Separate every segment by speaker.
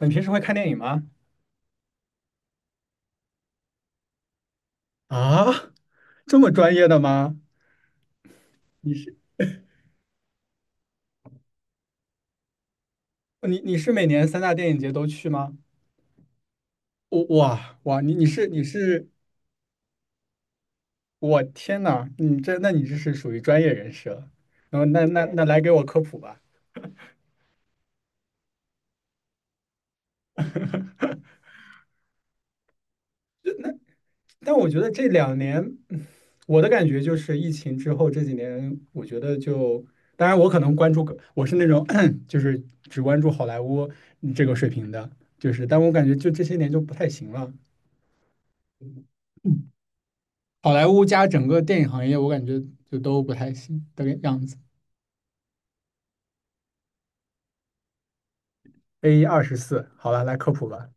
Speaker 1: 你平时会看电影吗？啊，这么专业的吗？你是你是每年三大电影节都去吗？我哇哇，你你是你是，我天呐，你这是属于专业人士了。然后那来给我科普吧。但我觉得这两年，嗯我的感觉就是疫情之后这几年，我觉得就，当然我可能关注个我是那种 就是只关注好莱坞这个水平的，就是，但我感觉就这些年就不太行了。好莱坞加整个电影行业，我感觉就都不太行的样子。A 二十四，好了，来科普吧。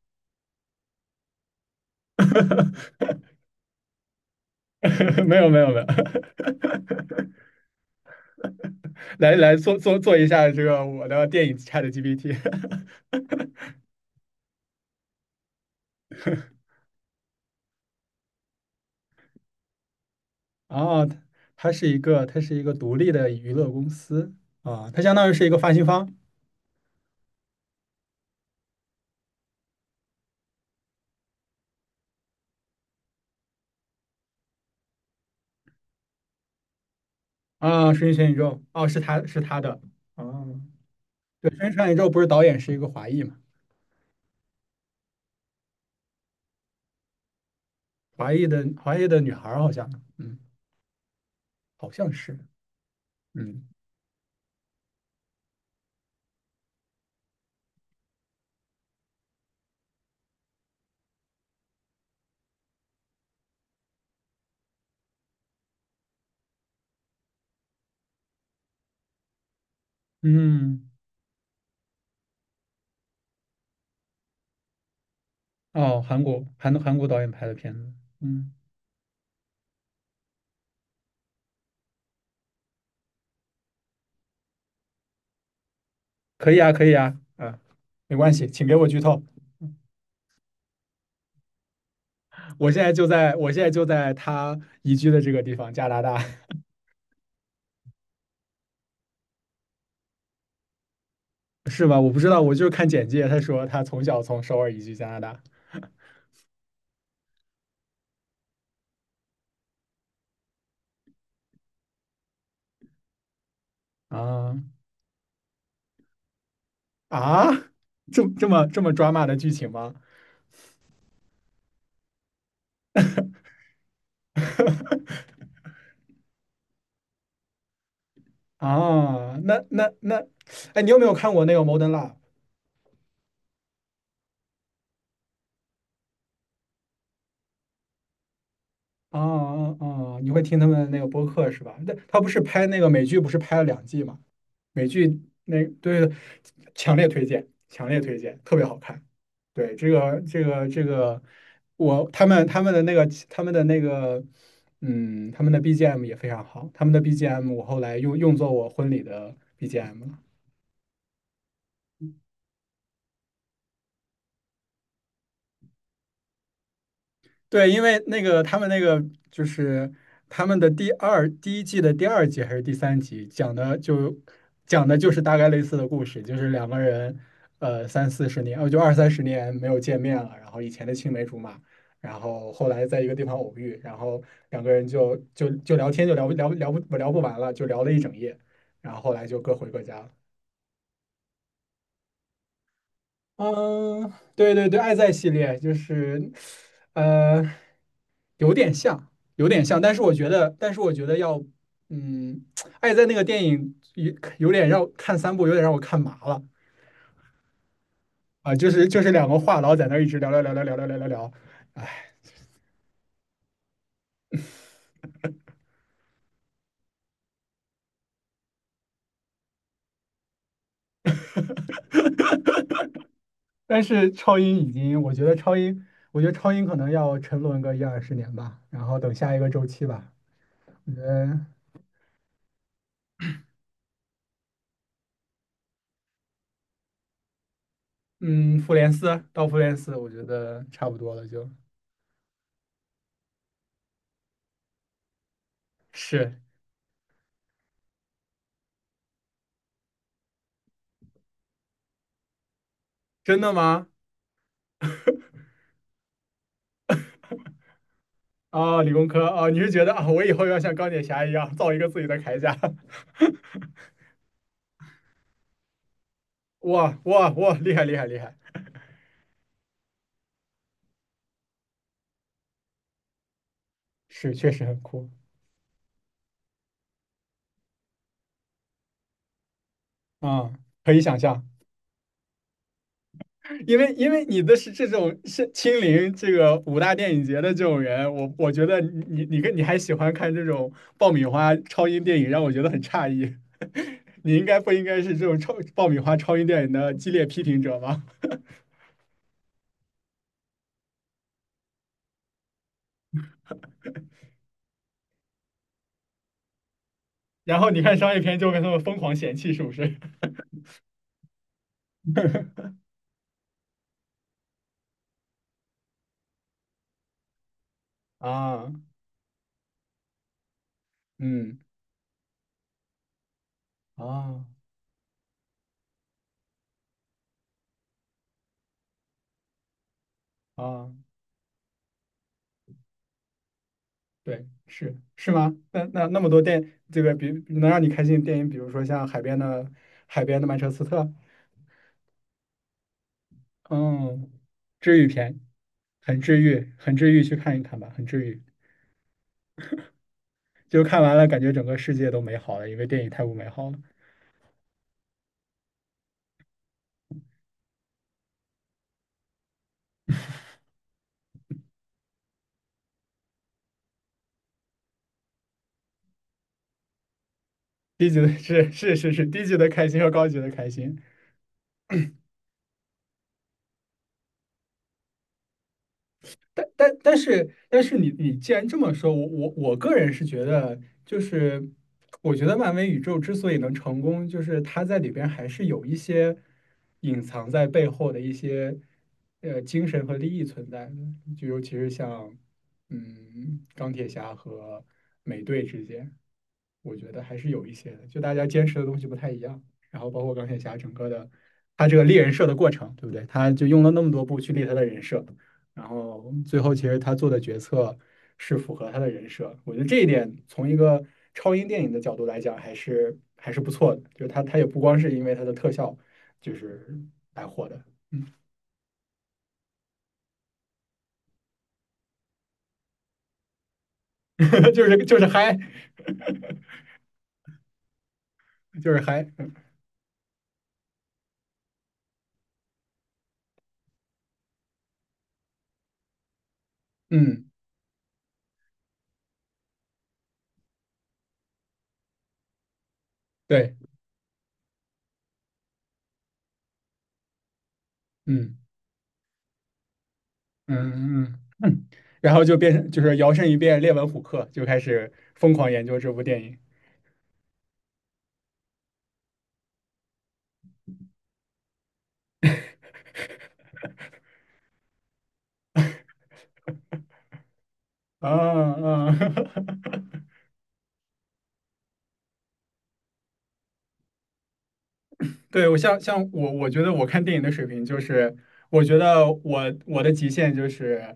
Speaker 1: 没有没有没有。来来做一下这个我的电影 ChatGPT。啊，它是一个独立的娱乐公司。啊，它相当于是一个发行方。啊，《瞬息全宇宙》，哦，是它的。哦，对，《瞬息全宇宙》不是导演是一个华裔嘛，华裔的女孩好像。嗯，好像是，嗯嗯。哦，韩国韩国导演拍的片子。嗯，可以啊，可以啊，啊，没关系，请给我剧透。我现在就在他移居的这个地方，加拿大。是吧？我不知道，我就是看简介，他说他从小从首尔移居加拿大。啊啊，这么抓马的剧情吗？啊，那，哎，你有没有看过那个《Modern Love》?哦哦哦，你会听他们那个播客是吧？那他不是拍那个美剧，不是拍了两季吗？美剧那，对对，强烈推荐，强烈推荐，特别好看。对，我他们他们的那个他们的那个，嗯，他们的 BGM 也非常好，他们的 BGM 我后来用作我婚礼的 BGM。 对，因为那个他们那个就是他们的第一季的第二集还是第三集，讲的就是大概类似的故事，就是两个人呃三四十年，呃就二三十年没有见面了，然后以前的青梅竹马，然后后来在一个地方偶遇，然后两个人就聊天就聊不完了，就聊了一整夜，然后后来就各回各家了。嗯，对对对，爱在系列就是，呃，有点像，有点像，但是我觉得，但是我觉得要，嗯，爱在那个电影有点让我看三部，有点让我看麻了。啊，就是两个话痨在那儿一直聊，哎，但是超英已经，我觉得超英，我觉得超英可能要沉沦个一二十年吧，然后等下一个周期吧。我觉得，嗯，复联四，我觉得差不多了就，是真的吗？啊，理工科啊，你是觉得啊，我以后要像钢铁侠一样造一个自己的铠甲？哇哇哇，厉害厉害厉害！是，确实很酷。啊，可以想象，因为你的是这种是亲临这个五大电影节的这种人，我觉得你还喜欢看这种爆米花超英电影，让我觉得很诧异。你应该不应该是这种超爆米花超英电影的激烈批评者吧？然后你看商业片就跟他们疯狂嫌弃，是不是？啊，嗯，啊。啊，对，是是吗？那那那么多电，这个比能让你开心的电影，比如说像海边的海边的曼彻斯特。嗯，治愈片，很治愈，很治愈，去看一看吧，很治愈。就看完了，感觉整个世界都美好了，因为电影太不美好了。低级的低级的开心和高级的开心。但是你既然这么说，我个人是觉得，就是我觉得漫威宇宙之所以能成功，就是它在里边还是有一些隐藏在背后的一些呃精神和利益存在的，就尤其是像嗯钢铁侠和美队之间，我觉得还是有一些的，就大家坚持的东西不太一样，然后包括钢铁侠整个的他这个立人设的过程，对不对？他就用了那么多部去立他的人设。然后最后其实他做的决策是符合他的人设，我觉得这一点从一个超英电影的角度来讲还是不错的，就是他也不光是因为他的特效就是来火的。就是嗨，就是嗨，嗯，对，嗯嗯嗯，然后就变成就是摇身一变列文虎克，就开始疯狂研究这部电影啊啊。对，我像像我，我觉得我看电影的水平就是，我觉得我的极限就是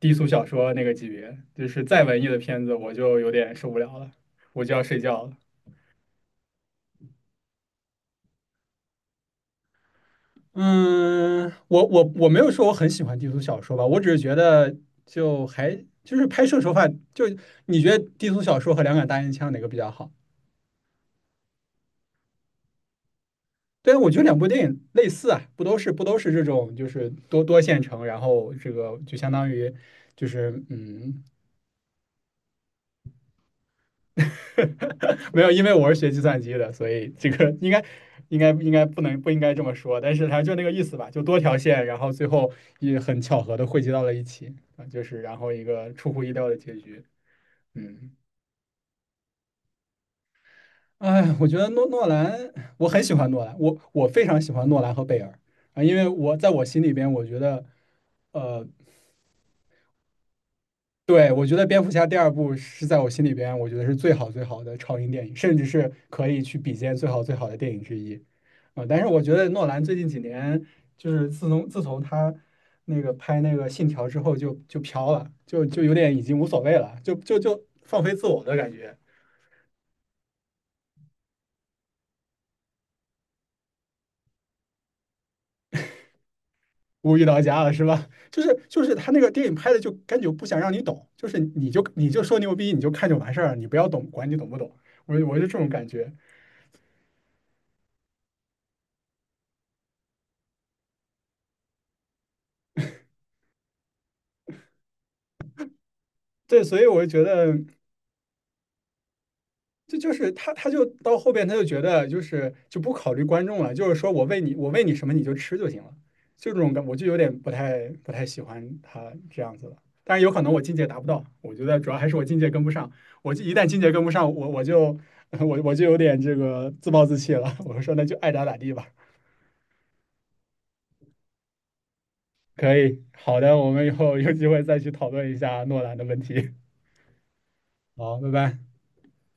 Speaker 1: 低俗小说那个级别，就是再文艺的片子我就有点受不了了，我就要睡觉了。嗯，我没有说我很喜欢低俗小说吧，我只是觉得就还就是拍摄手法，就你觉得低俗小说和两杆大烟枪哪个比较好？对啊，我觉得两部电影类似啊，不都是这种就是多线程，然后这个就相当于就是嗯。 没有，因为我是学计算机的，所以这个应该不应该这么说，但是它就那个意思吧，就多条线，然后最后也很巧合的汇集到了一起啊，就是然后一个出乎意料的结局。嗯，哎，我觉得诺兰，我很喜欢诺兰，我非常喜欢诺兰和贝尔啊，因为我在我心里边，我觉得呃对，我觉得蝙蝠侠第二部是在我心里边，我觉得是最好最好的超英电影，甚至是可以去比肩最好最好的电影之一。啊、但是我觉得诺兰最近几年，就是自从他那个拍那个《信条》之后就，就飘了，就有点已经无所谓了，就放飞自我的感觉，无语到家了是吧？就是他那个电影拍的就感觉不想让你懂，就是你就说牛逼，你就看就完事儿了，你不要懂，管你懂不懂。我就这种感觉。对，所以我就觉得。这就是他，他就到后边他就觉得就是就不考虑观众了，就是说我喂你，我喂你什么你就吃就行了，就这种感，我就有点不太喜欢他这样子了。但然有可能我境界达不到，我觉得主要还是我境界跟不上。我就一旦境界跟不上，我就 我就有点这个自暴自弃了。我说那就爱咋咋地吧。可以，好的，我们以后有机会再去讨论一下诺兰的问题。好，拜拜。